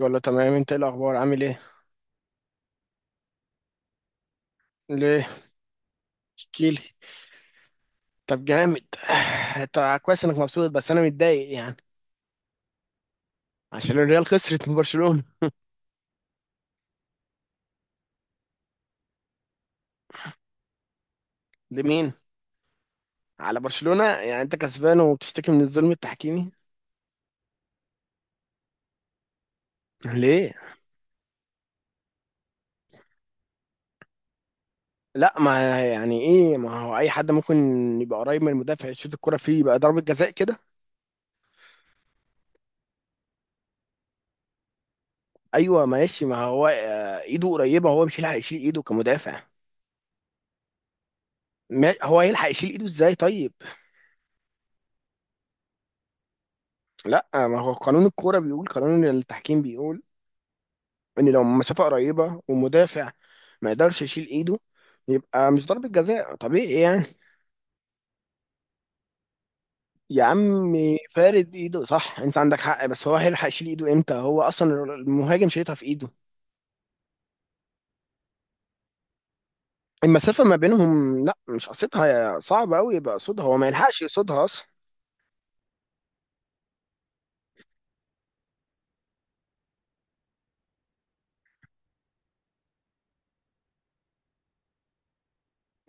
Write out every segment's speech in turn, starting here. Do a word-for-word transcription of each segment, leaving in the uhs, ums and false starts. يقول له تمام. انت ايه الاخبار؟ عامل ايه؟ ليه؟ احكيلي. طب جامد طب كويس انك مبسوط، بس انا متضايق يعني. عشان الريال خسرت من برشلونة. لمين؟ على برشلونة؟ يعني انت كسبان وبتشتكي من الظلم التحكيمي؟ ليه؟ لا، ما يعني ايه؟ ما هو اي حد ممكن يبقى قريب من المدافع، يشوط الكرة فيه، يبقى ضربة جزاء كده. ايوه ماشي، ما هو آه، ايده قريبة، هو مش هيلحق يشيل ايده كمدافع. ما هو هيلحق يشيل ايده ازاي طيب؟ لا، ما هو قانون الكورة بيقول، قانون التحكيم بيقول ان لو مسافه قريبه ومدافع ما يقدرش يشيل ايده، يبقى مش ضربة جزاء طبيعي يعني. يا عم، فارد ايده صح، انت عندك حق، بس هو هيلحق يشيل ايده امتى؟ هو اصلا المهاجم شايطها في ايده، المسافة ما بينهم، لا مش قصدها، صعب قوي يبقى قصدها، هو ما يلحقش يقصدها اصلا.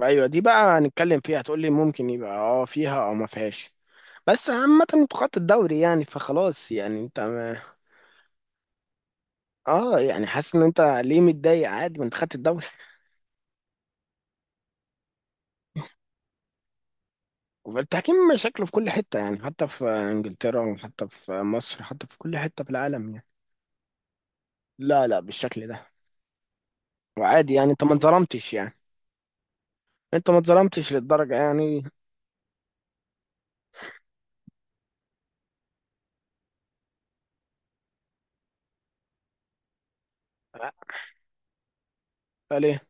ايوه دي بقى هنتكلم فيها، هتقول لي ممكن يبقى اه فيها او ما فيهاش. بس عامة انتوا خدتوا الدوري يعني، فخلاص يعني، انت ما... اه يعني حاسس ان انت ليه متضايق؟ عادي، ما انت خدت الدوري. التحكيم شكله في كل حتة يعني، حتى في انجلترا، وحتى في مصر، حتى في كل حتة في العالم يعني. لا لا بالشكل ده. وعادي يعني، انت ما اتظلمتش يعني، انت ما اتظلمتش للدرجة يعني. آه، ليه؟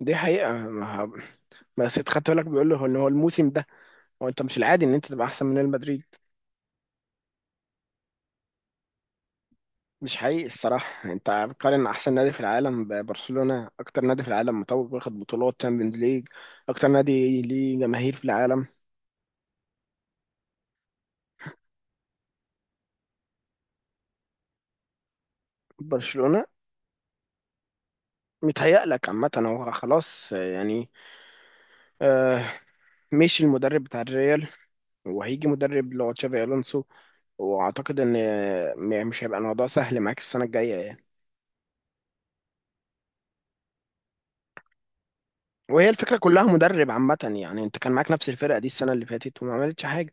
دي حقيقة. ما ه- بس انت خدت بالك بيقول له ان هو الموسم ده؟ هو انت مش العادي ان انت تبقى احسن من ريال مدريد؟ مش حقيقي الصراحة، انت بتقارن احسن نادي في العالم ببرشلونة، اكتر نادي في العالم متوج واخد بطولات تشامبيونز ليج، اكتر نادي ليه جماهير في العالم. برشلونة. متهيأ لك. عامة هو خلاص يعني. آه. مشي المدرب بتاع الريال، وهيجي مدرب اللي هو تشافي الونسو، واعتقد ان آه، م- مش هيبقى الموضوع سهل معاك السنه الجايه يعني. وهي الفكره كلها مدرب. عامه يعني انت كان معاك نفس الفرقه دي السنه اللي فاتت وما عملتش حاجه.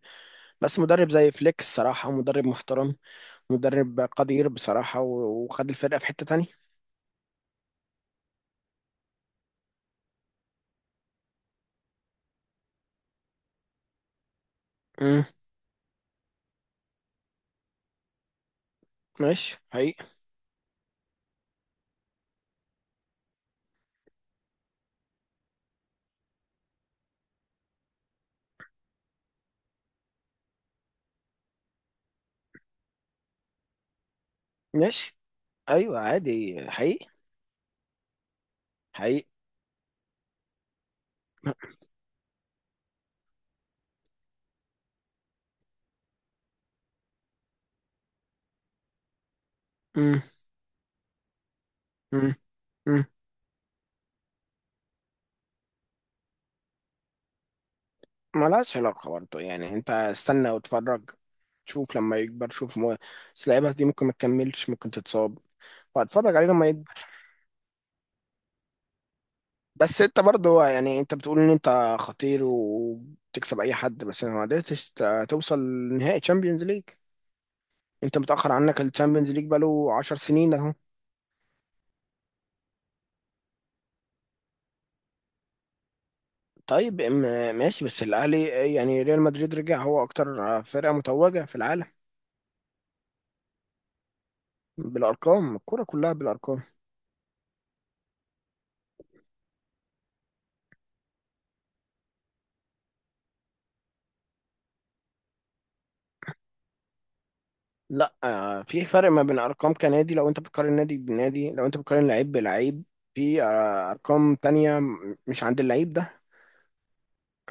بس مدرب زي فليك الصراحه مدرب محترم، مدرب قدير بصراحه، و- وخد الفرقه في حته تانية. امم. ماشي حقيقي. ماشي. ايوه عادي حقيقي. حقيقي. امم. امم. امم. ملهاش علاقه برضه يعني، انت استنى واتفرج. شوف لما يكبر، شوف مو... بس اللعيبه دي ممكن ما تكملش، ممكن تتصاب، وهتفرج عليه لما يكبر. بس انت برضه يعني انت بتقول ان انت خطير وبتكسب اي حد، بس ما قدرتش ت- توصل نهائي تشامبيونز ليج. انت متاخر عنك التشامبيونز ليج بقاله 10 سنين اهو. طيب ام- ماشي، بس الاهلي، يعني ريال مدريد رجع هو اكتر فرقه متوجه في العالم. بالارقام، الكوره كلها بالارقام. لا آه، في فرق ما بين ارقام كنادي، لو انت بتقارن نادي بنادي، لو انت بتقارن لعيب بلعيب. في آه، ارقام تانية م- مش عند اللعيب ده.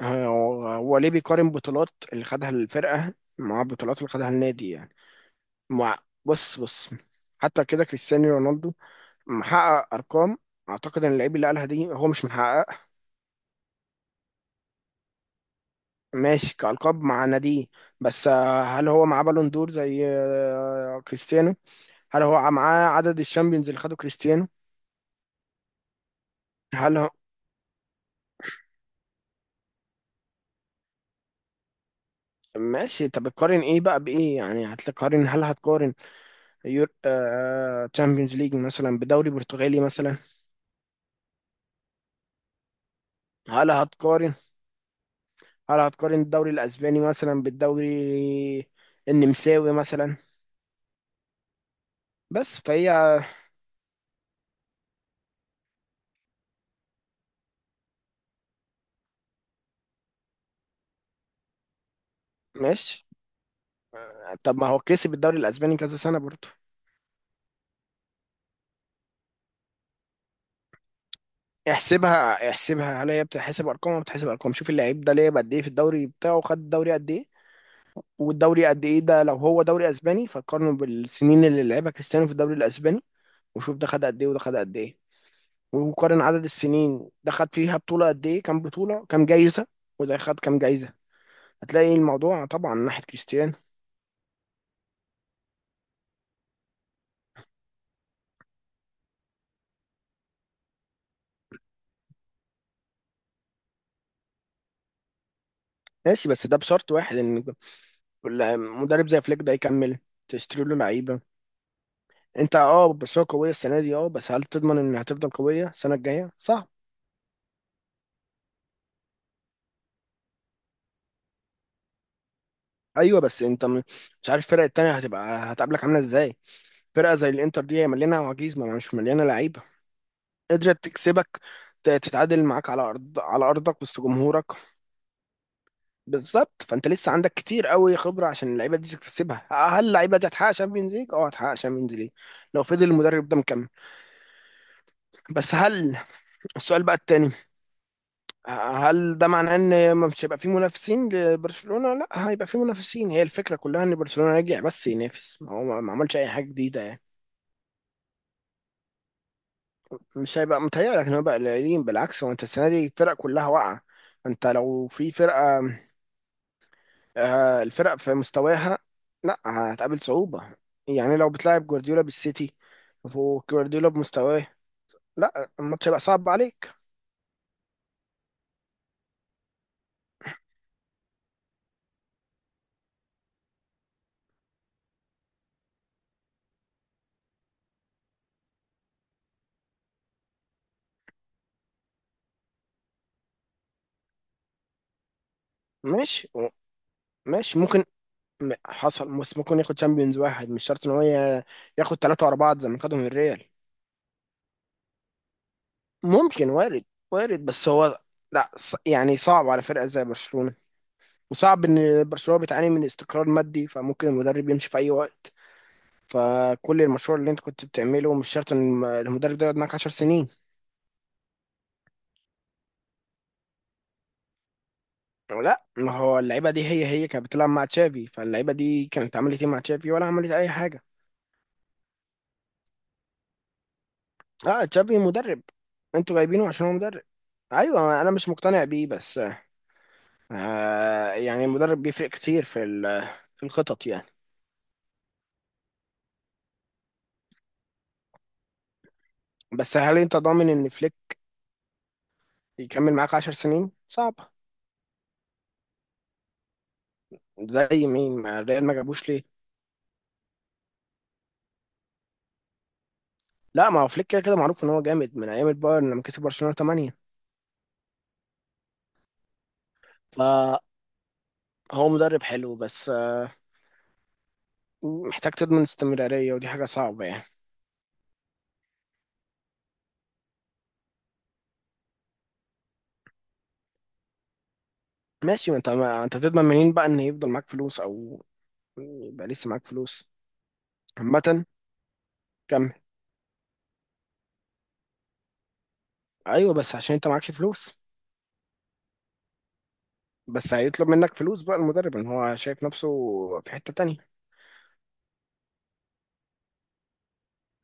آه، هو هو ليه بيقارن بطولات اللي خدها الفرقة مع بطولات اللي خدها النادي يعني؟ مع، بص بص، حتى كده كريستيانو رونالدو محقق ارقام اعتقد ان اللعيب اللي قالها دي هو مش محقق. ماشي كالقاب مع ناديه، بس آه، هل هو معاه بالون دور زي آه، كريستيانو؟ هل هو معاه عدد الشامبيونز اللي خده كريستيانو؟ هل ماشي؟ طب تقارن ايه بقى بايه يعني؟ هتقارن، هل هتقارن يور آه... تشامبيونز ليج مثلا بدوري برتغالي مثلا؟ هل هتقارن، هل هتقارن الدوري الاسباني مثلا بالدوري النمساوي مثلا؟ بس فهي ماشي. طب ما هو كسب الدوري الاسباني كذا سنه برضه. احسبها احسبها، هل هي بتحسب ارقام ولا بتحسب ارقام؟ شوف اللعيب ده لعب قد ايه في الدوري بتاعه، خد الدوري قد ايه، والدوري قد ايه ده، لو هو دوري اسباني فقارنه بالسنين اللي لعبها كريستيانو في الدوري الاسباني، وشوف ده خد قد ايه وده خد قد ايه، وقارن عدد السنين، ده خد فيها بطولة قد ايه، كام بطولة، كام جايزة، وده خد كام جايزة. هتلاقي الموضوع طبعا من ناحية كريستيانو. ماشي، بس ده بشرط واحد، ان مدرب زي فليك ده يكمل، تشتري له لعيبة. انت اه، بس هو قوية السنة دي اه، بس هل تضمن ان هتفضل قوية السنة الجاية؟ صعب. ايوه بس انت م- مش عارف الفرق التانية هتبقى هتقابلك عاملة ازاي. فرقة زي الانتر دي هي مليانة عواجيز، ما مش مليانة لعيبة، قدرت تكسبك، ت- تتعادل معاك على ارض، على ارضك وسط جمهورك. بالظبط، فانت لسه عندك كتير قوي خبره عشان اللعيبه دي تكتسبها. هل اللعيبه دي هتحقق شامبيونز ليج؟ اه هتحقق شامبيونز ليج لو فضل المدرب ده مكمل. بس هل السؤال بقى التاني، هل ده معناه ان مش هيبقى في منافسين لبرشلونه؟ لا، هيبقى في منافسين، هي الفكره كلها ان برشلونه رجع بس ينافس، ما هو ما عملش اي حاجه جديده يعني. مش هيبقى، متهيألك ان هو بقى قليلين؟ بالعكس، هو انت السنه دي الفرق كلها واقعه. انت لو في فرقه آه، الفرق في مستواها، لا هتقابل صعوبة. يعني لو بتلعب جوارديولا بالسيتي، وجوارديولا بمستواه، لا الماتش هيبقى صعب عليك. ماشي. ماشي ممكن. م- حصل، بس ممكن ياخد شامبيونز واحد، مش شرط ان هو ي- ياخد ثلاثة ورا بعض زي ما خدهم الريال. ممكن، وارد، وارد، بس هو لا ص- يعني صعب على فرقة زي برشلونة، وصعب ان برشلونة بتعاني من استقرار مادي، فممكن المدرب يمشي في اي وقت، فكل المشروع اللي انت كنت بتعمله مش شرط ان الم- المدرب ده يقعد معاك 10 سنين. لا ما هو اللعيبه دي هي هي كانت بتلعب مع تشافي، فاللعيبه دي كانت عملت ايه مع تشافي؟ ولا عملت اي حاجه. اه تشافي مدرب، انتوا جايبينه عشان هو مدرب. ايوه انا مش مقتنع بيه، بس آه يعني المدرب بيفرق كتير في ال- في الخطط يعني. بس هل انت ضامن ان فليك يكمل معاك 10 سنين؟ صعب. زي مين؟ ما الريال ما جابوش ليه؟ لا، ما هو فليك كده كده معروف ان هو جامد من ايام البايرن، لما كسب برشلونة تمانية. فهو مدرب حلو، بس آه محتاج تضمن استمرارية، ودي حاجة صعبة يعني. ماشي. ما انت ما انت تضمن منين بقى ان يفضل معاك فلوس، او يبقى لسه معاك فلوس؟ عامة كمل. ايوه بس عشان انت معكش فلوس. بس هيطلب منك فلوس بقى المدرب، ان هو شايف نفسه في حتة تانية.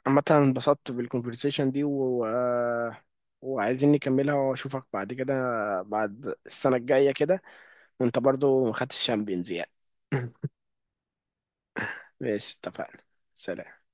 عامة انبسطت بالكونفرسيشن دي و... و- وعايزين نكملها، واشوفك بعد كده، بعد السنة الجاية كده، وانت برضو ما خدتش الشامبيونز يعني. ماشي اتفقنا. سلام.